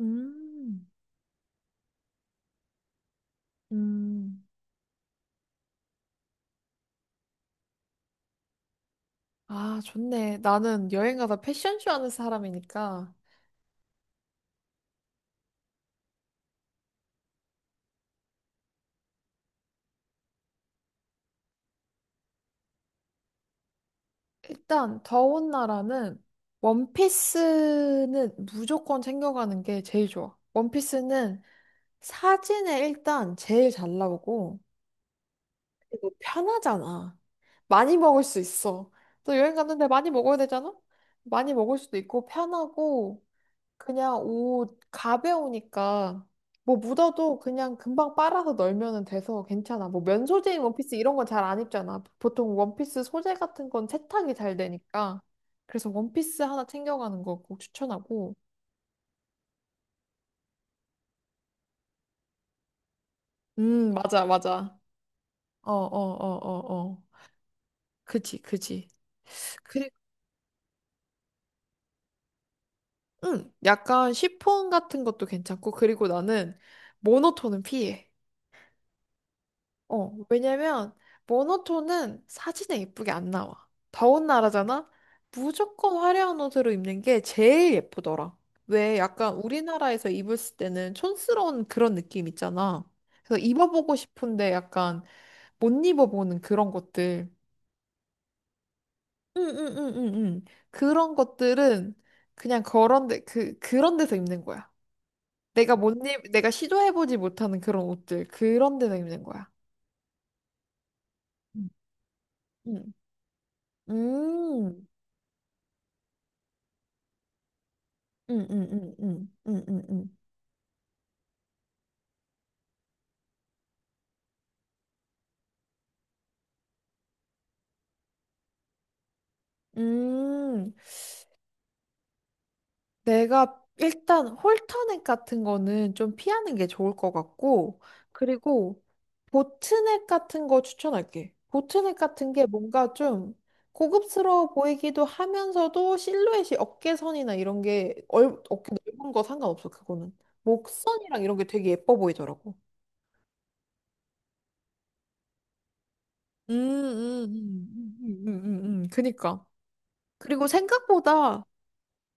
음, 음. 아, 좋네. 나는 여행 가다 패션쇼 하는 사람이니까 일단 더운 나라는 원피스는 무조건 챙겨가는 게 제일 좋아. 원피스는 사진에 일단 제일 잘 나오고 그리고 편하잖아. 많이 먹을 수 있어. 또 여행 갔는데 많이 먹어야 되잖아? 많이 먹을 수도 있고 편하고 그냥 옷 가벼우니까 뭐 묻어도 그냥 금방 빨아서 널면은 돼서 괜찮아. 뭐 면 소재인 원피스 이런 건 잘 안 입잖아. 보통 원피스 소재 같은 건 세탁이 잘 되니까. 그래서 원피스 하나 챙겨가는 거 꼭 추천하고. 맞아, 맞아. 어, 어, 어, 어, 어. 그지, 그지. 그리고, 응, 약간 시폰 같은 것도 괜찮고. 그리고 나는 모노톤은 피해. 어, 왜냐면 모노톤은 사진에 예쁘게 안 나와. 더운 나라잖아? 무조건 화려한 옷으로 입는 게 제일 예쁘더라. 왜 약간 우리나라에서 입었을 때는 촌스러운 그런 느낌 있잖아. 그래서 입어보고 싶은데 약간 못 입어보는 그런 것들. 응응응응응. 그런 것들은 그냥 그런 데, 그런 데서 입는 거야. 내가 못 입, 내가 시도해보지 못하는 그런 옷들. 그런 데서 입는 거야. 음. 음. 응, 응, 응, 응, 응, 응, 응. 음, 내가 일단 홀터넥 같은 거는 좀 피하는 게 좋을 것 같고, 그리고 보트넥 같은 거 추천할게. 보트넥 같은 게 뭔가 좀 고급스러워 보이기도 하면서도 실루엣이 어깨선이나 이런 게 어깨 넓은 거 상관없어, 그거는. 목선이랑 이런 게 되게 예뻐 보이더라고. 음, 음, 음, 그니까. 그리고 생각보다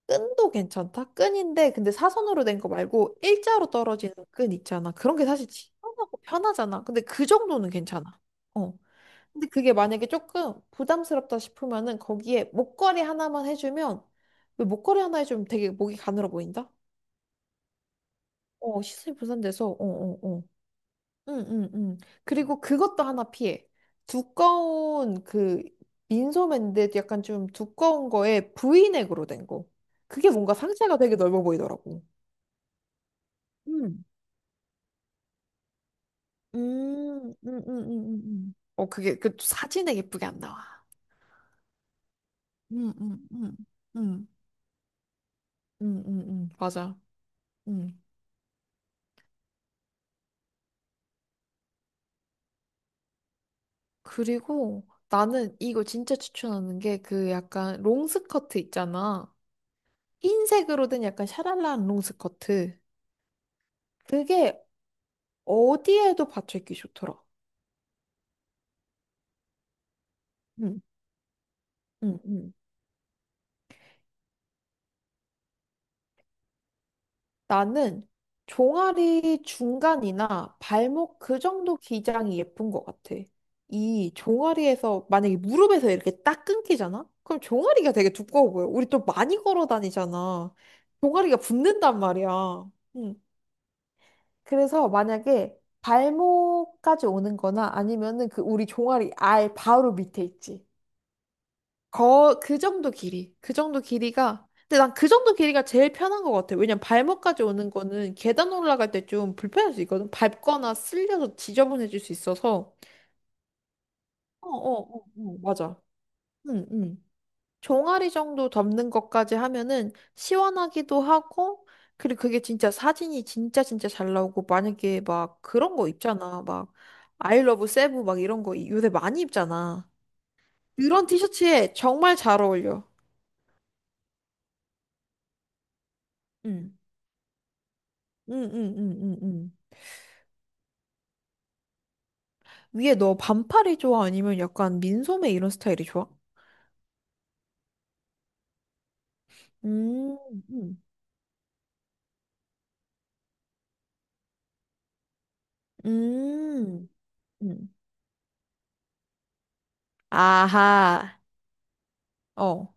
끈도 괜찮다. 끈인데 근데 사선으로 된 거 말고 일자로 떨어지는 끈 있잖아. 그런 게 사실 시원하고 편하잖아. 근데 그 정도는 괜찮아. 어. 근데 그게 만약에 조금 부담스럽다 싶으면은 거기에 목걸이 하나만 해주면 왜 목걸이 하나 해주면 되게 목이 가늘어 보인다? 어, 시선이 분산돼서 어, 어, 어. 응, 응, 응. 그리고 그것도 하나 피해. 두꺼운 그 민소매인데 약간 좀 두꺼운 거에 브이넥으로 된 거. 그게 뭔가 상체가 되게 넓어 보이더라고. 음, 음, 음, 음, 음, 어, 그게, 그 사진에 예쁘게 안 나와. 음, 음, 음, 음, 맞아. 음. 그리고 나는 이거 진짜 추천하는 게 그 약간 롱스커트 있잖아. 흰색으로 된 약간 샤랄라한 롱스커트. 그게 어디에도 받쳐 입기 좋더라. 응응응 나는 종아리 중간이나 발목 그 정도 기장이 예쁜 것 같아. 이 종아리에서 만약에 무릎에서 이렇게 딱 끊기잖아? 그럼 종아리가 되게 두꺼워 보여. 우리 또 많이 걸어 다니잖아. 종아리가 붓는단 말이야. 응. 그래서 만약에 발목까지 오는 거나 아니면은 그 우리 종아리 알 바로 밑에 있지. 거, 그 정도 길이. 그 정도 길이가. 근데 난 그 정도 길이가 제일 편한 것 같아. 왜냐면 발목까지 오는 거는 계단 올라갈 때 좀 불편할 수 있거든. 밟거나 쓸려서 지저분해질 수 있어서. 어, 어, 어, 어, 맞아. 응, 응. 종아리 정도 덮는 것까지 하면은 시원하기도 하고, 그리고 그게 진짜 사진이 진짜 진짜 잘 나오고, 만약에 막 그런 거 입잖아. 막, I love 세부 막 이런 거 요새 많이 입잖아. 그런 티셔츠에 정말 잘 어울려. 응. 응, 응, 응, 응, 응. 위에 너 반팔이 좋아? 아니면 약간 민소매 이런 스타일이 좋아? 음, 음, 음, 음. 아하, 어.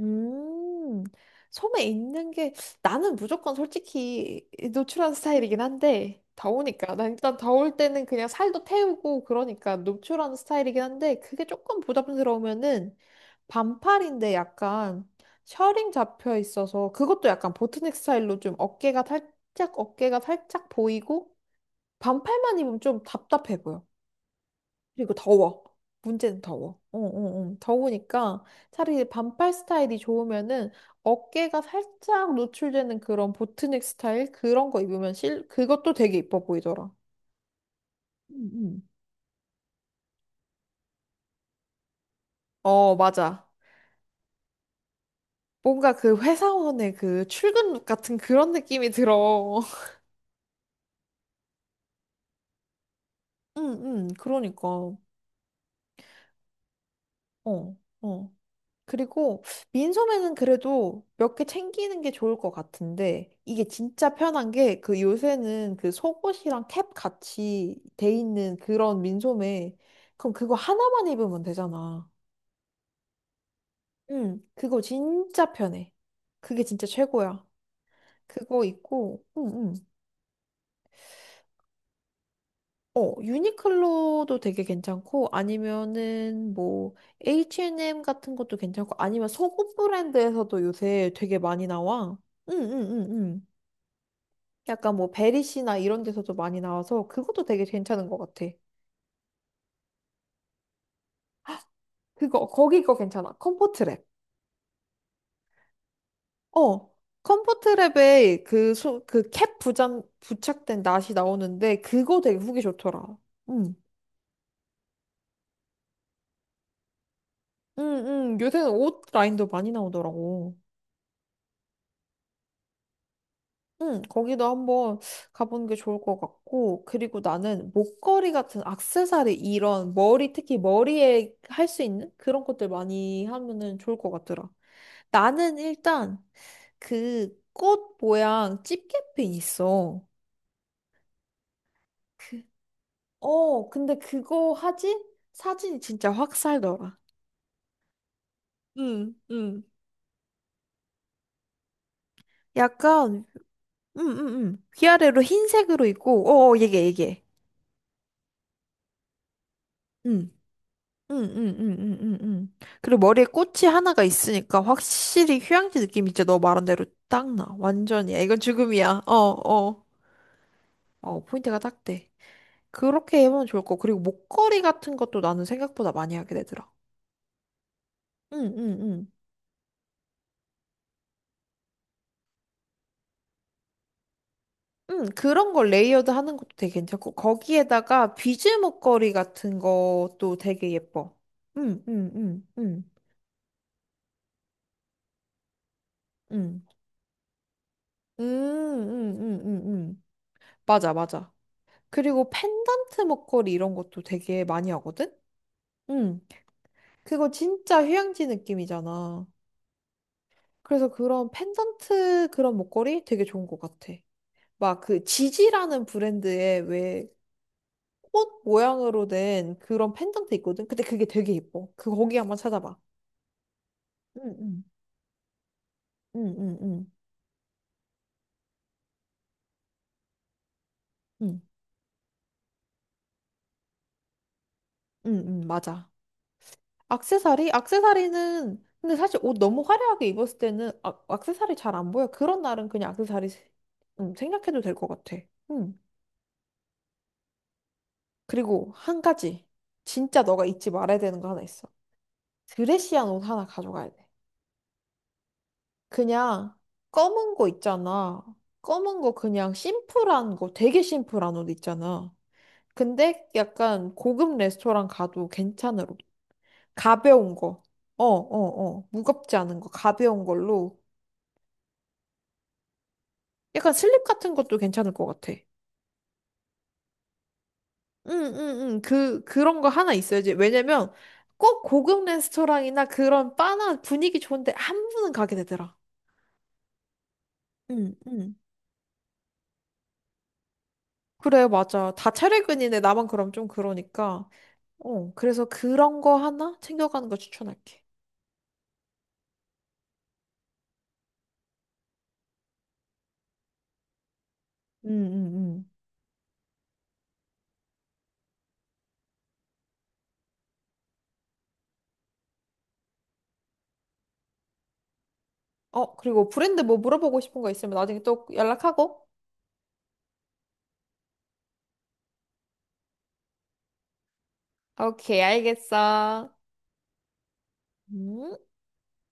음, 섬에 있는 게 나는 무조건 솔직히 노출한 스타일이긴 한데 더우니까 난 일단 더울 때는 그냥 살도 태우고 그러니까 노출한 스타일이긴 한데 그게 조금 부담스러우면은 반팔인데 약간 셔링 잡혀 있어서 그것도 약간 보트넥 스타일로 좀 어깨가 살짝 보이고 반팔만 입으면 좀 답답해 보여. 그리고 더워. 문제는 더워. 어, 어, 어. 더우니까 차라리 반팔 스타일이 좋으면은 어깨가 살짝 노출되는 그런 보트넥 스타일 그런 거 입으면 실 그것도 되게 이뻐 보이더라. 음, 음. 어, 맞아. 뭔가 그 회사원의 그 출근 룩 같은 그런 느낌이 들어. 응, 응, 그러니까. 어, 어. 그리고 민소매는 그래도 몇 개 챙기는 게 좋을 것 같은데 이게 진짜 편한 게 그 요새는 그 속옷이랑 캡 같이 돼 있는 그런 민소매 그럼 그거 하나만 입으면 되잖아. 응, 그거 진짜 편해. 그게 진짜 최고야. 그거 입고, 응, 응. 어, 유니클로도 되게 괜찮고 아니면은 뭐 H&M 같은 것도 괜찮고 아니면 속옷 브랜드에서도 요새 되게 많이 나와. 응응응응. 약간 뭐 베리시나 이런 데서도 많이 나와서 그것도 되게 괜찮은 것 같아. 그거 거기 거 괜찮아. 컴포트랩. 어. 컴포트랩에 그, 소, 그 캡 부착된 낫이 나오는데 그거 되게 후기 좋더라. 응. 응, 응. 요새는 옷 라인도 많이 나오더라고. 응, 거기도 한번 가보는 게 좋을 것 같고, 그리고 나는 목걸이 같은 액세서리 이런 머리, 특히 머리에 할 수 있는 그런 것들 많이 하면은 좋을 것 같더라. 나는 일단 그 꽃 모양 집게핀 있어. 그, 어, 근데 그거 하지? 사진이 진짜 확 살더라. 응, 응. 약간, 응, 응, 응. 위아래로 흰색으로 있고, 어, 어, 얘기해. 응. 응응응응응응. 그리고 머리에 꽃이 하나가 있으니까 확실히 휴양지 느낌이 진짜 너 말한 대로 딱 나. 완전이야. 이건 죽음이야. 어, 어. 어, 포인트가 딱 돼. 그렇게 해보면 좋을 거. 그리고 목걸이 같은 것도 나는 생각보다 많이 하게 되더라. 응응응. 응, 응. 응, 그런 걸 레이어드 하는 것도 되게 괜찮고, 거기에다가 비즈 목걸이 같은 것도 되게 예뻐. 응, 응, 응, 응, 응. 응, 응, 응, 응, 응. 맞아, 맞아. 그리고 펜던트 목걸이 이런 것도 되게 많이 하거든? 응. 그거 진짜 휴양지 느낌이잖아. 그래서 그런 펜던트 그런 목걸이 되게 좋은 것 같아. 막 그 지지라는 브랜드의 왜 꽃 모양으로 된 그런 펜던트 있거든? 근데 그게 되게 예뻐. 그거 거기 한번 찾아봐. 응, 응, 응, 응, 응, 응, 응, 응, 맞아. 악세사리? 악세사리는 근데 사실 옷 너무 화려하게 입었을 때는 세사리 잘 안 보여. 그런 날은 그냥 생략해도 될 것 같아. 음. 그리고 한 가지 진짜 너가 잊지 말아야 되는 거 하나 있어. 드레시한 옷 하나 가져가야 돼. 그냥 검은 거 있잖아. 검은 거 그냥 심플한 거, 되게 심플한 옷 있잖아. 근데 약간 고급 레스토랑 가도 괜찮은 옷. 가벼운 거. 어, 어, 어. 무겁지 않은 거, 가벼운 걸로. 약간 슬립 같은 것도 괜찮을 것 같아. 응, 응, 응. 그런 거 하나 있어야지. 왜냐면 꼭 고급 레스토랑이나 그런 바나 분위기 좋은데 한 번은 가게 되더라. 응, 응. 그래, 맞아. 다 차례근이네. 나만 그럼 좀 그러니까. 어, 그래서 그런 거 하나 챙겨가는 거 추천할게. 응, 응, 응. 어, 그리고 브랜드 뭐 물어보고 싶은 거 있으면 나중에 또 연락하고. 오케이, 알겠어. 음.